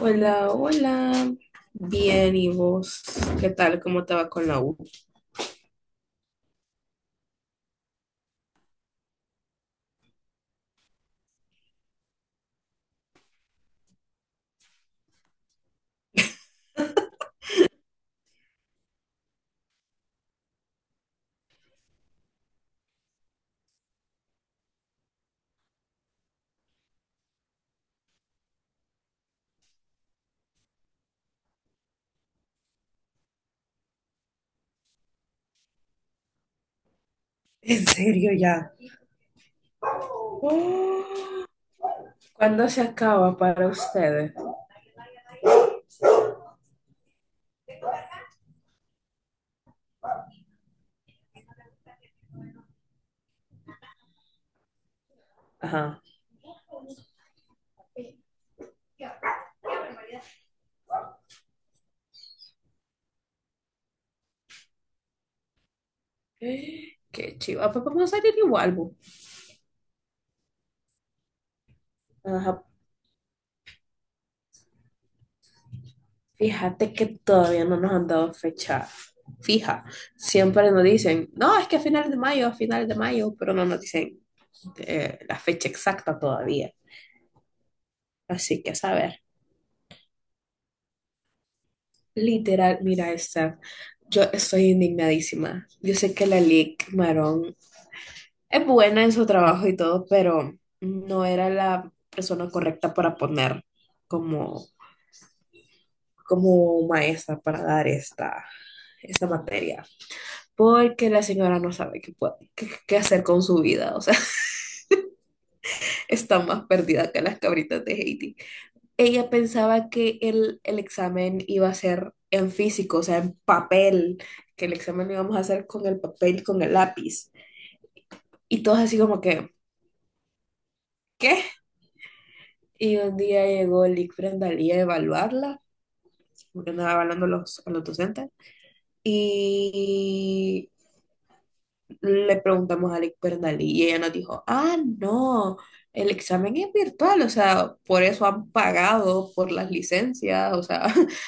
Hola, hola. Bien, ¿y vos? ¿Qué tal? ¿Cómo te va con la U? En serio, ya. Oh, ¿cuándo se acaba para ustedes? Ajá. Qué chiva. Pues vamos a salir igual, bu. Ajá. Fíjate que todavía no nos han dado fecha fija. Siempre nos dicen, no, es que a finales de mayo, a finales de mayo, pero no nos dicen la fecha exacta todavía. Así que, ¿sabes? Literal, mira esta. Yo estoy indignadísima. Yo sé que la Lic Marón es buena en su trabajo y todo, pero no era la persona correcta para poner como, como maestra para dar esta materia. Porque la señora no sabe qué hacer con su vida. O sea, está más perdida que las cabritas de Haití. Ella pensaba que el examen iba a ser en físico, o sea, en papel, que el examen lo íbamos a hacer con el papel, con el lápiz. Y todos así como que, ¿qué? Y un día llegó Lick Brendalí a evaluarla, porque andaba evaluando a los docentes, y le preguntamos a Lick Brendalí y ella nos dijo, ah, no, el examen es virtual, o sea, por eso han pagado por las licencias, o sea,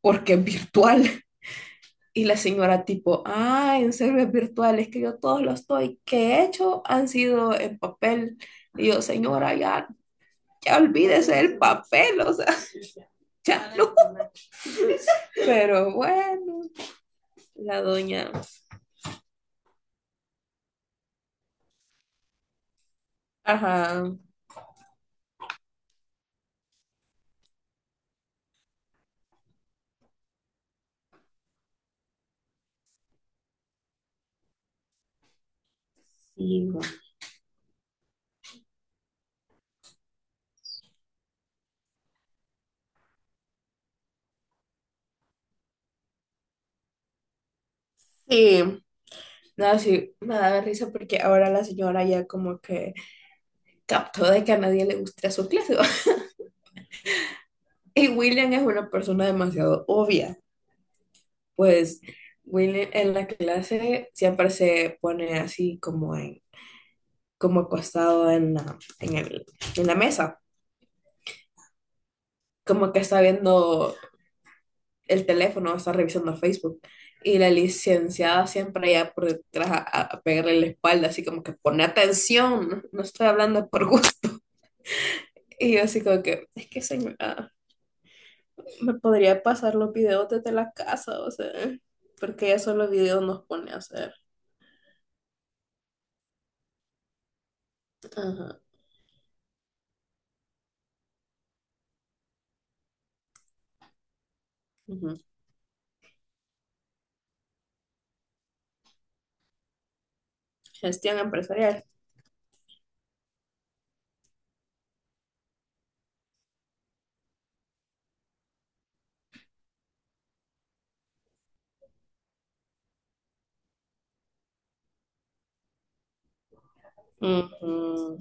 porque es virtual. Y la señora tipo, ah, en server virtual, es que yo todos los estoy que he hecho han sido en papel. Y yo, señora, ya, ya olvídese del papel, o sea, ya no. Pero bueno, la doña, ajá, sí. Sí, nada, sí, me da risa porque ahora la señora ya como que captó de que a nadie le gusta su clase. Y William es una persona demasiado obvia. Pues Will en la clase siempre se pone así como en, como acostado en la mesa, como que está viendo el teléfono, está revisando Facebook. Y la licenciada siempre ya por detrás a pegarle la espalda, así como que pone atención, no no estoy hablando por gusto. Y yo así como que, es que señora, me podría pasar los videos desde la casa, o sea, porque ya solo videos nos pone a hacer. Ajá, ujú. Gestión empresarial. Ujú,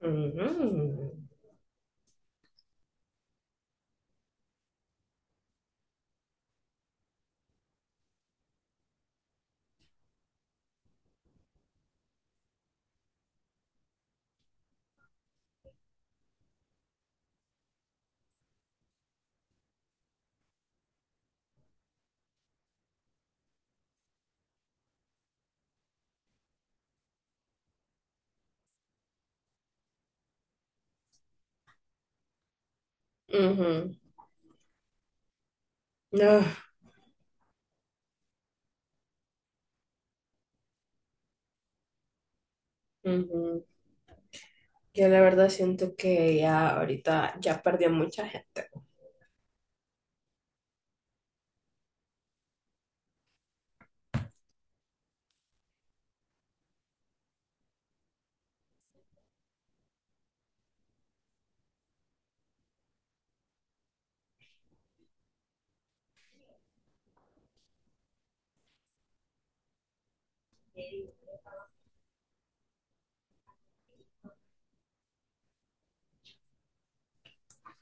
ujú, ujú. No, ujú. Yo la verdad siento que ya ahorita ya perdió mucha gente.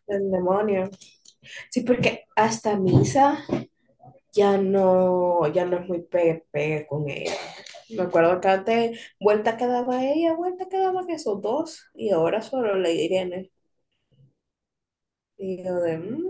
El demonio. Sí, porque hasta misa ya no, ya no es muy pegue, pegue con ella. Me acuerdo que antes vuelta que daba ella, vuelta que daban esos dos, y ahora solo la Irene. Y yo de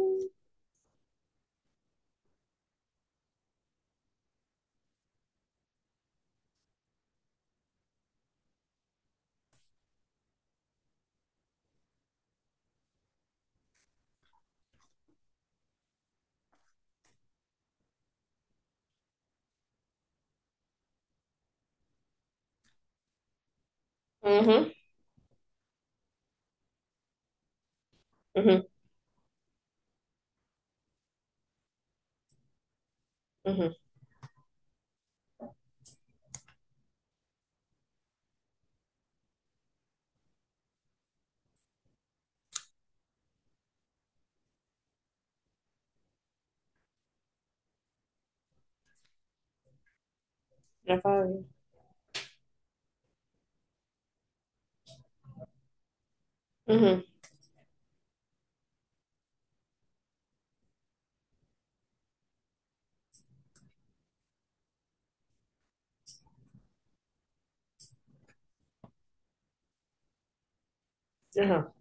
ujú, ujú, ujú, la Fabi, ujú, ajá,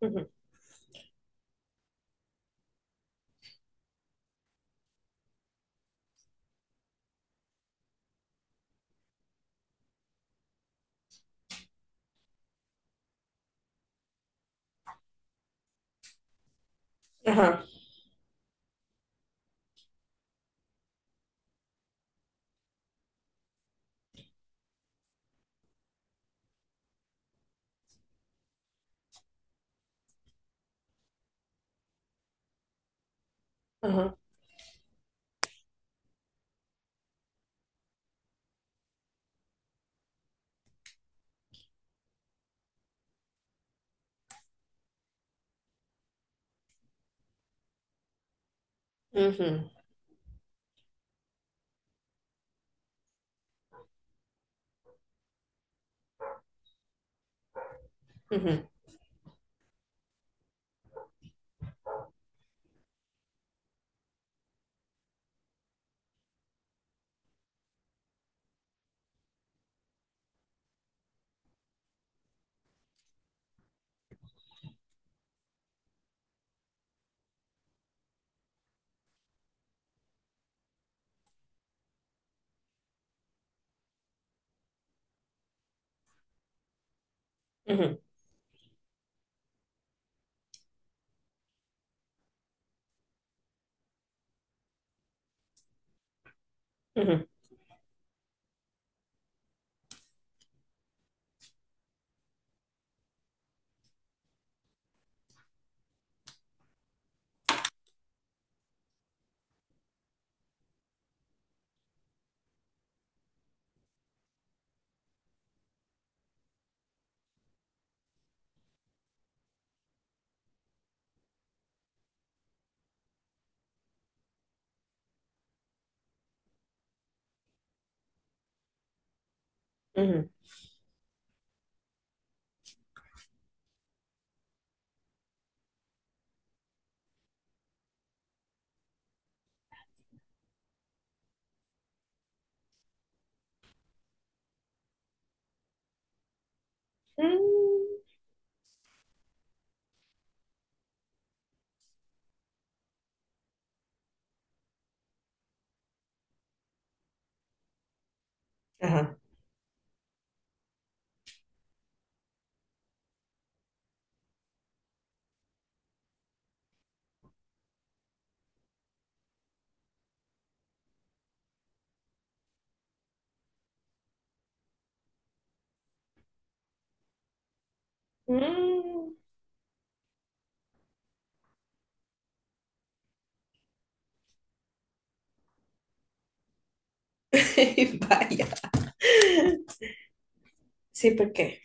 ujú, ajá, ajá, ujú, ujú, ujú, ujú. Ujú. Mm, ajá. Mm. Vaya. Sí, por qué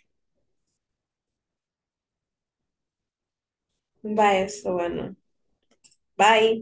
va eso, bueno. Bye.